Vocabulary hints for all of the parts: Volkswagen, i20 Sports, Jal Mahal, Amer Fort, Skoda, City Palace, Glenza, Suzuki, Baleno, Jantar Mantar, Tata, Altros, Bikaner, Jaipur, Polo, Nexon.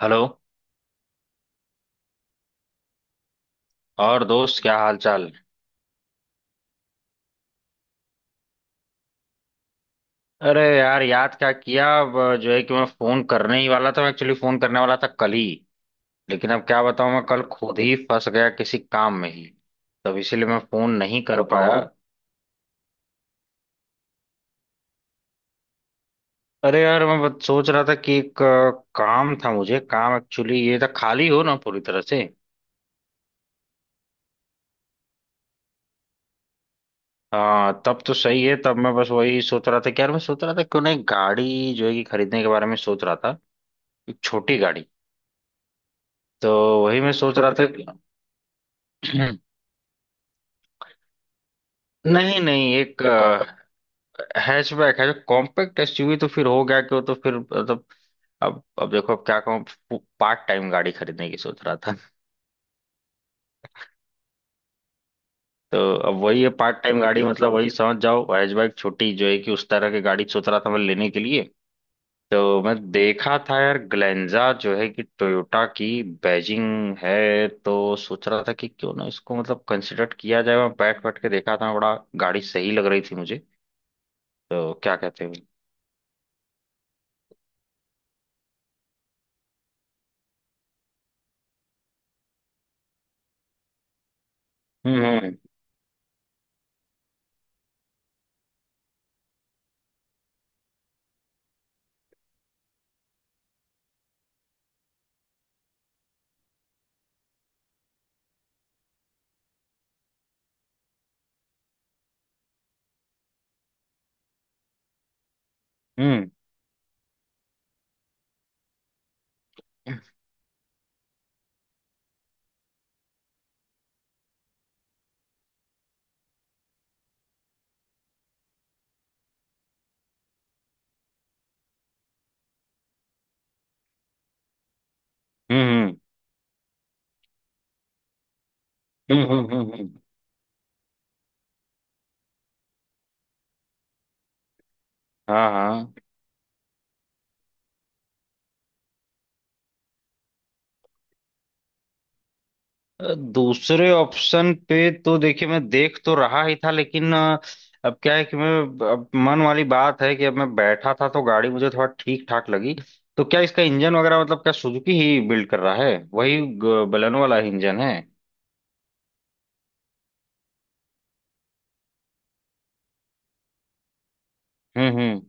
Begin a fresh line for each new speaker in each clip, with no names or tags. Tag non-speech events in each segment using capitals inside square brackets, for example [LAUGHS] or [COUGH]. Hello. और दोस्त, क्या हाल चाल? अरे यार, याद क्या किया अब? जो है कि मैं फोन करने ही वाला था, मैं एक्चुअली फोन करने वाला था कल ही। लेकिन अब क्या बताऊं, मैं कल खुद ही फंस गया किसी काम में ही, तब इसीलिए मैं फोन नहीं कर पाया। अरे यार, मैं बस सोच रहा था कि एक काम था, मुझे काम एक्चुअली ये था, खाली हो ना पूरी तरह से? हाँ, तब तो सही है। तब मैं बस वही सोच रहा था कि यार, मैं सोच रहा था क्यों ना एक गाड़ी जो है कि खरीदने के बारे में सोच रहा था, एक छोटी गाड़ी। तो वही मैं सोच रहा था कि [CLEARS THROAT] नहीं नहीं, एक हैचबैक है जो कॉम्पैक्ट एसयूवी तो फिर हो गया क्यों, तो फिर मतलब अब देखो, अब क्या कहूँ, पार्ट टाइम गाड़ी खरीदने की सोच रहा था [LAUGHS] तो अब वही है, पार्ट टाइम गाड़ी मतलब वही समझ जाओ, हैचबैक छोटी जो है कि उस तरह की गाड़ी सोच रहा था मैं लेने के लिए। तो मैं देखा था यार ग्लेंजा, जो है कि टोयोटा की बैजिंग है, तो सोच रहा था कि क्यों ना इसको मतलब कंसिडर किया जाए। मैं बैठ बैठ के देखा था बड़ा, गाड़ी सही लग रही थी मुझे। तो क्या कहते हैं? हम्म, हम्म, हम्म, हम्म, हम्म, हम्म, हम्म। हाँ हाँ। दूसरे ऑप्शन पे तो देखिए मैं देख तो रहा ही था, लेकिन अब क्या है कि मैं, अब मन वाली बात है कि अब मैं बैठा था तो गाड़ी मुझे थोड़ा ठीक ठाक लगी। तो क्या इसका इंजन वगैरह मतलब, क्या सुजुकी ही बिल्ड कर रहा है? वही बलेनो वाला इंजन है? हम्म, हम्म,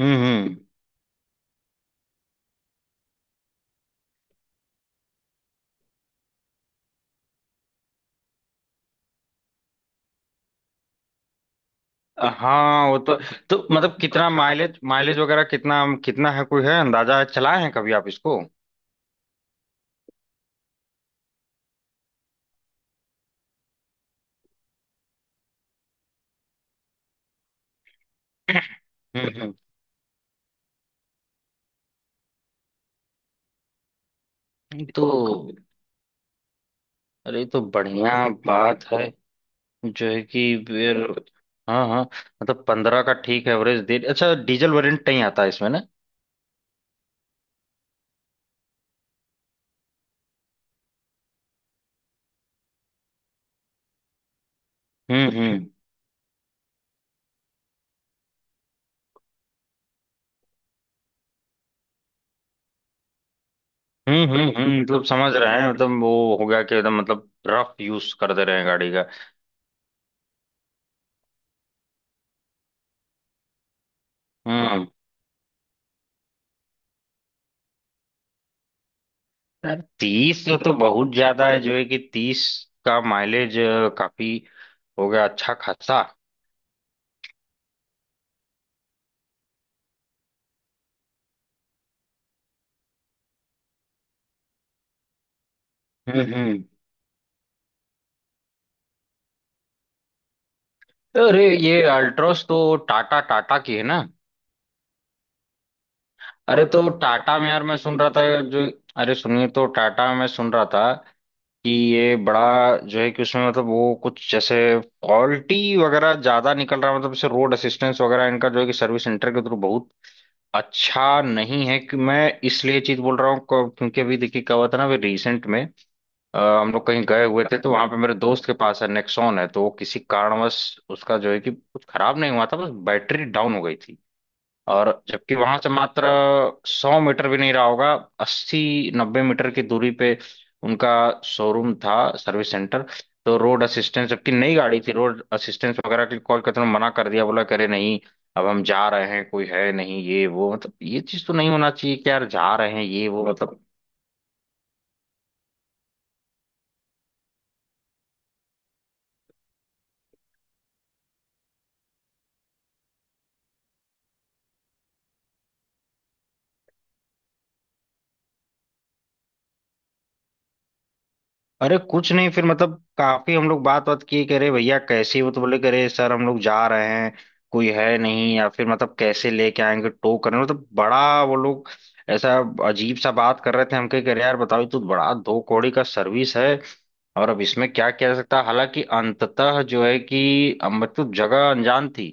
हम्म, हम्म। हाँ, वो तो। तो मतलब कितना माइलेज, माइलेज वगैरह कितना कितना है, कोई है अंदाजा, है चलाए हैं कभी आप इसको? हम्म, हम्म। तो अरे, ये तो बढ़िया बात है जो है कि। फिर हाँ हाँ, मतलब 15 का ठीक एवरेज दे, अच्छा। डीजल वेरिएंट नहीं आता है इसमें ना? हम्म, हम्म, हम्म, हम्म, मतलब समझ रहे हैं, मतलब वो हो गया कि एकदम मतलब रफ यूज कर दे रहे हैं गाड़ी का। हम्म। यार 30 तो बहुत ज्यादा है, जो है कि 30 का माइलेज, काफी हो गया अच्छा खासा। हम्म, हम्म। अरे, ये अल्ट्रोस तो टाटा टाटा की है ना? अरे तो टाटा में यार मैं सुन रहा था जो, अरे सुनिए, तो टाटा में मैं सुन रहा था कि ये बड़ा, जो है कि उसमें मतलब वो कुछ जैसे फॉल्टी वगैरह ज्यादा निकल रहा है, मतलब जैसे रोड असिस्टेंस वगैरह इनका जो है कि सर्विस सेंटर के थ्रू बहुत अच्छा नहीं है। कि मैं इसलिए चीज बोल रहा हूँ क्योंकि अभी देखिए क्या हुआ था ना, अभी रिसेंट में, हम लोग कहीं गए हुए थे तो वहां पे मेरे दोस्त के पास है, नेक्सॉन है। तो वो किसी कारणवश उसका जो है कि कुछ खराब नहीं हुआ था, बस बैटरी डाउन हो गई थी। और जबकि वहां से मात्र 100 मीटर भी नहीं रहा होगा, 80-90 मीटर की दूरी पे उनका शोरूम था, सर्विस सेंटर। तो रोड असिस्टेंस, जबकि नई गाड़ी थी, रोड असिस्टेंस वगैरह के कॉल करते हुए मना कर दिया, बोला करे नहीं, अब हम जा रहे हैं, कोई है नहीं, ये वो मतलब। ये चीज तो नहीं होना चाहिए कि यार जा रहे हैं, ये वो मतलब। अरे कुछ नहीं, फिर मतलब काफी हम लोग बात बात किए, कह रहे भैया कैसे हो, तो बोले, कह रहे सर हम लोग जा रहे हैं, कोई है नहीं, या फिर मतलब कैसे लेके आएंगे टो करने, मतलब बड़ा वो लोग ऐसा अजीब सा बात कर रहे थे। हम कह कह रहे यार बताओ, ये तो बड़ा दो कौड़ी का सर्विस है। और अब इसमें क्या किया जा सकता है, हालांकि अंततः जो है कि मतलब जगह अनजान थी,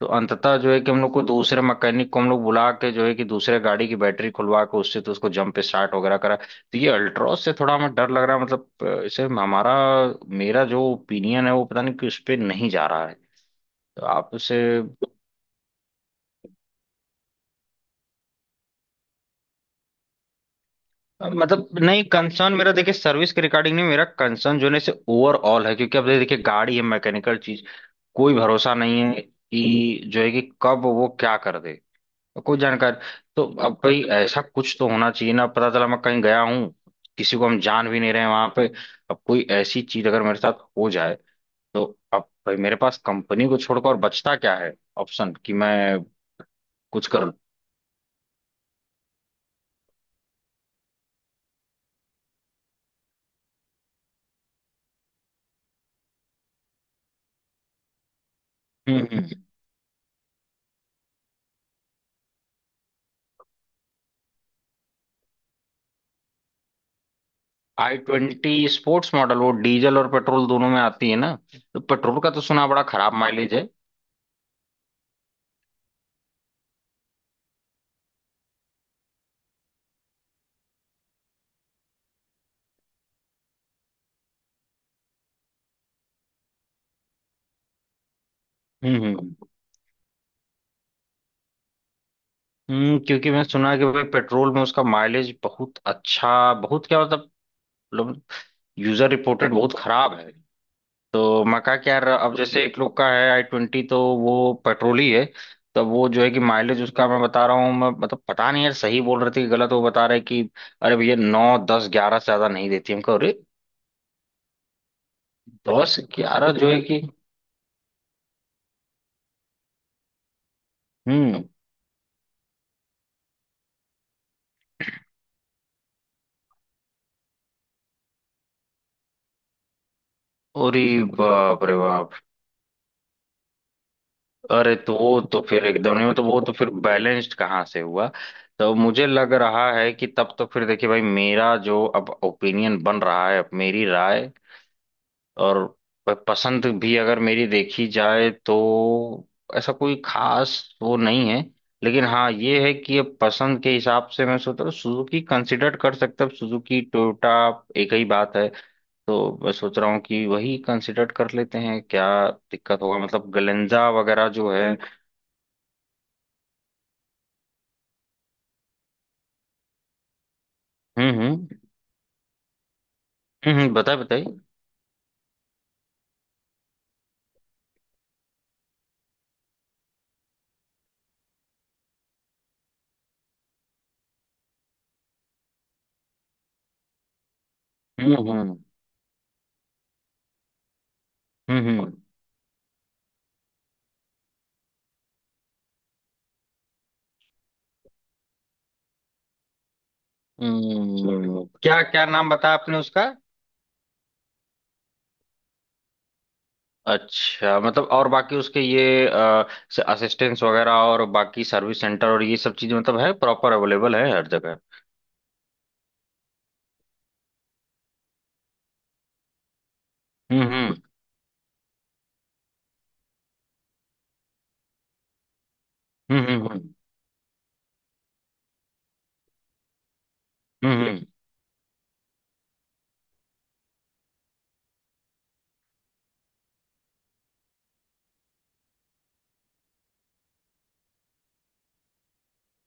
तो अंततः जो है कि हम लोग को दूसरे मैकेनिक को हम लोग बुला के, जो है कि दूसरे गाड़ी की बैटरी खुलवा के उससे, तो उसको जंप स्टार्ट वगैरह करा। तो ये अल्ट्रॉस से थोड़ा हमें डर लग रहा है, मतलब इसे हमारा, मेरा जो ओपिनियन है, वो पता नहीं कि उस पर नहीं जा रहा है। तो आप उसे मतलब, नहीं कंसर्न मेरा देखिए सर्विस के रिगार्डिंग नहीं, मेरा कंसर्न जो है ना, इसे ओवरऑल है, क्योंकि अब देखिए गाड़ी है मैकेनिकल चीज, कोई भरोसा नहीं है कि जो है कि कब वो क्या कर दे, कोई जानकारी। तो अब भाई ऐसा कुछ तो होना चाहिए ना, पता चला मैं कहीं गया हूँ, किसी को हम जान भी नहीं रहे हैं वहां पे, अब कोई ऐसी चीज अगर मेरे साथ हो जाए, तो अब भाई, मेरे पास कंपनी को छोड़कर और बचता क्या है ऑप्शन कि मैं कुछ करूं? हम्म। i20 स्पोर्ट्स मॉडल, वो डीजल और पेट्रोल दोनों में आती है ना? तो पेट्रोल का तो सुना बड़ा खराब माइलेज है। हम्म, हम्म, क्योंकि मैं सुना कि भाई पेट्रोल में उसका माइलेज बहुत अच्छा, बहुत क्या मतलब यूजर रिपोर्टेड बहुत खराब है। तो मका क्या यार, अब जैसे एक लोग का है i20, तो वो पेट्रोल ही है। तब वो जो है कि माइलेज उसका, मैं बता रहा हूँ मैं, मतलब पता नहीं यार सही बोल रहे थे कि गलत। वो बता रहे कि अरे भैया 9-10-11 से ज्यादा नहीं देती हमको, अरे 10-11 जो है कि। हम्म। अरे बाप रे बाप। अरे तो वो तो फिर एकदम नहीं, तो वो तो फिर बैलेंस्ड कहाँ से हुआ? तो मुझे लग रहा है कि तब तो फिर देखिए भाई, मेरा जो अब ओपिनियन बन रहा है, अब मेरी राय और पसंद भी अगर मेरी देखी जाए तो, ऐसा कोई खास वो नहीं है। लेकिन हाँ ये है कि अब पसंद के हिसाब से मैं सोच रहा हूँ सुजुकी कंसिडर कर सकता हूँ, सुजुकी टोयोटा एक ही बात है। तो मैं सोच रहा हूँ कि वही कंसिडर कर लेते हैं, क्या दिक्कत होगा, मतलब गलेंजा वगैरह जो है। हम्म, हम्म, हम्म, बताइए बताइए। हम्म, हम्म, हम्म, हम्म, क्या क्या नाम बताया आपने उसका? अच्छा, मतलब और बाकी उसके ये असिस्टेंस वगैरह और बाकी सर्विस सेंटर और ये सब चीजें मतलब है प्रॉपर अवेलेबल है हर जगह? हम्म, हम्म, हम्म, हम्म, हम्म, हम्म।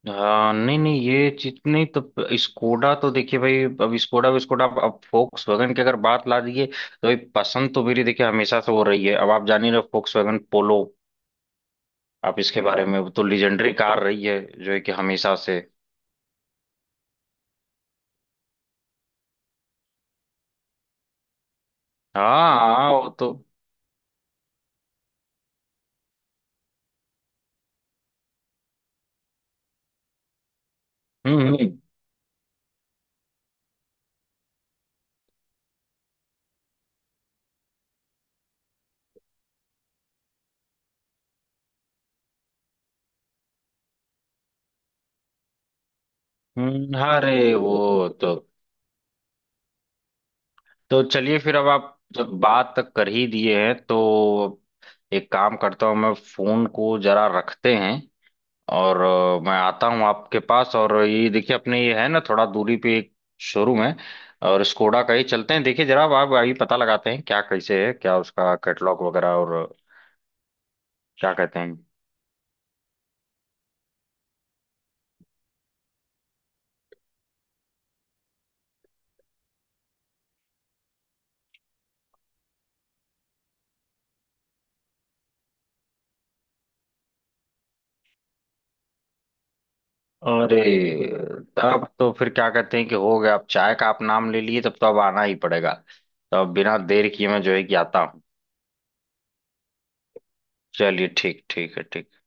हाँ, नहीं नहीं, ये चीज नहीं। तो स्कोडा तो देखिए भाई, अब स्कोडा विस्कोडा, अब वैगन की अगर बात ला दीजिए तो भाई, पसंद तो मेरी देखिए हमेशा से हो रही है, अब आप जान ही रहे, फोक्स वैगन पोलो आप इसके बारे में, वो तो लीजेंडरी कार रही है जो है कि हमेशा से। हाँ हाँ, वो तो। हम्म, हम्म, अरे वो तो। तो चलिए फिर, अब आप जब बात कर ही दिए हैं तो, एक काम करता हूँ, मैं फोन को जरा रखते हैं, और मैं आता हूँ आपके पास। और ये देखिए, अपने ये है ना थोड़ा दूरी पे एक शोरूम है, और स्कोडा का ही चलते हैं। देखिए जरा, अब आप आइए, पता लगाते हैं क्या कैसे है, क्या उसका कैटलॉग वगैरह और, क्या कहते हैं? अरे, तब तो फिर क्या कहते हैं कि हो गया, अब चाय का आप नाम ले लिए तब तो अब आना ही पड़ेगा। तो अब बिना देर किए मैं जो है कि आता हूँ। चलिए, ठीक, ठीक है, ठीक।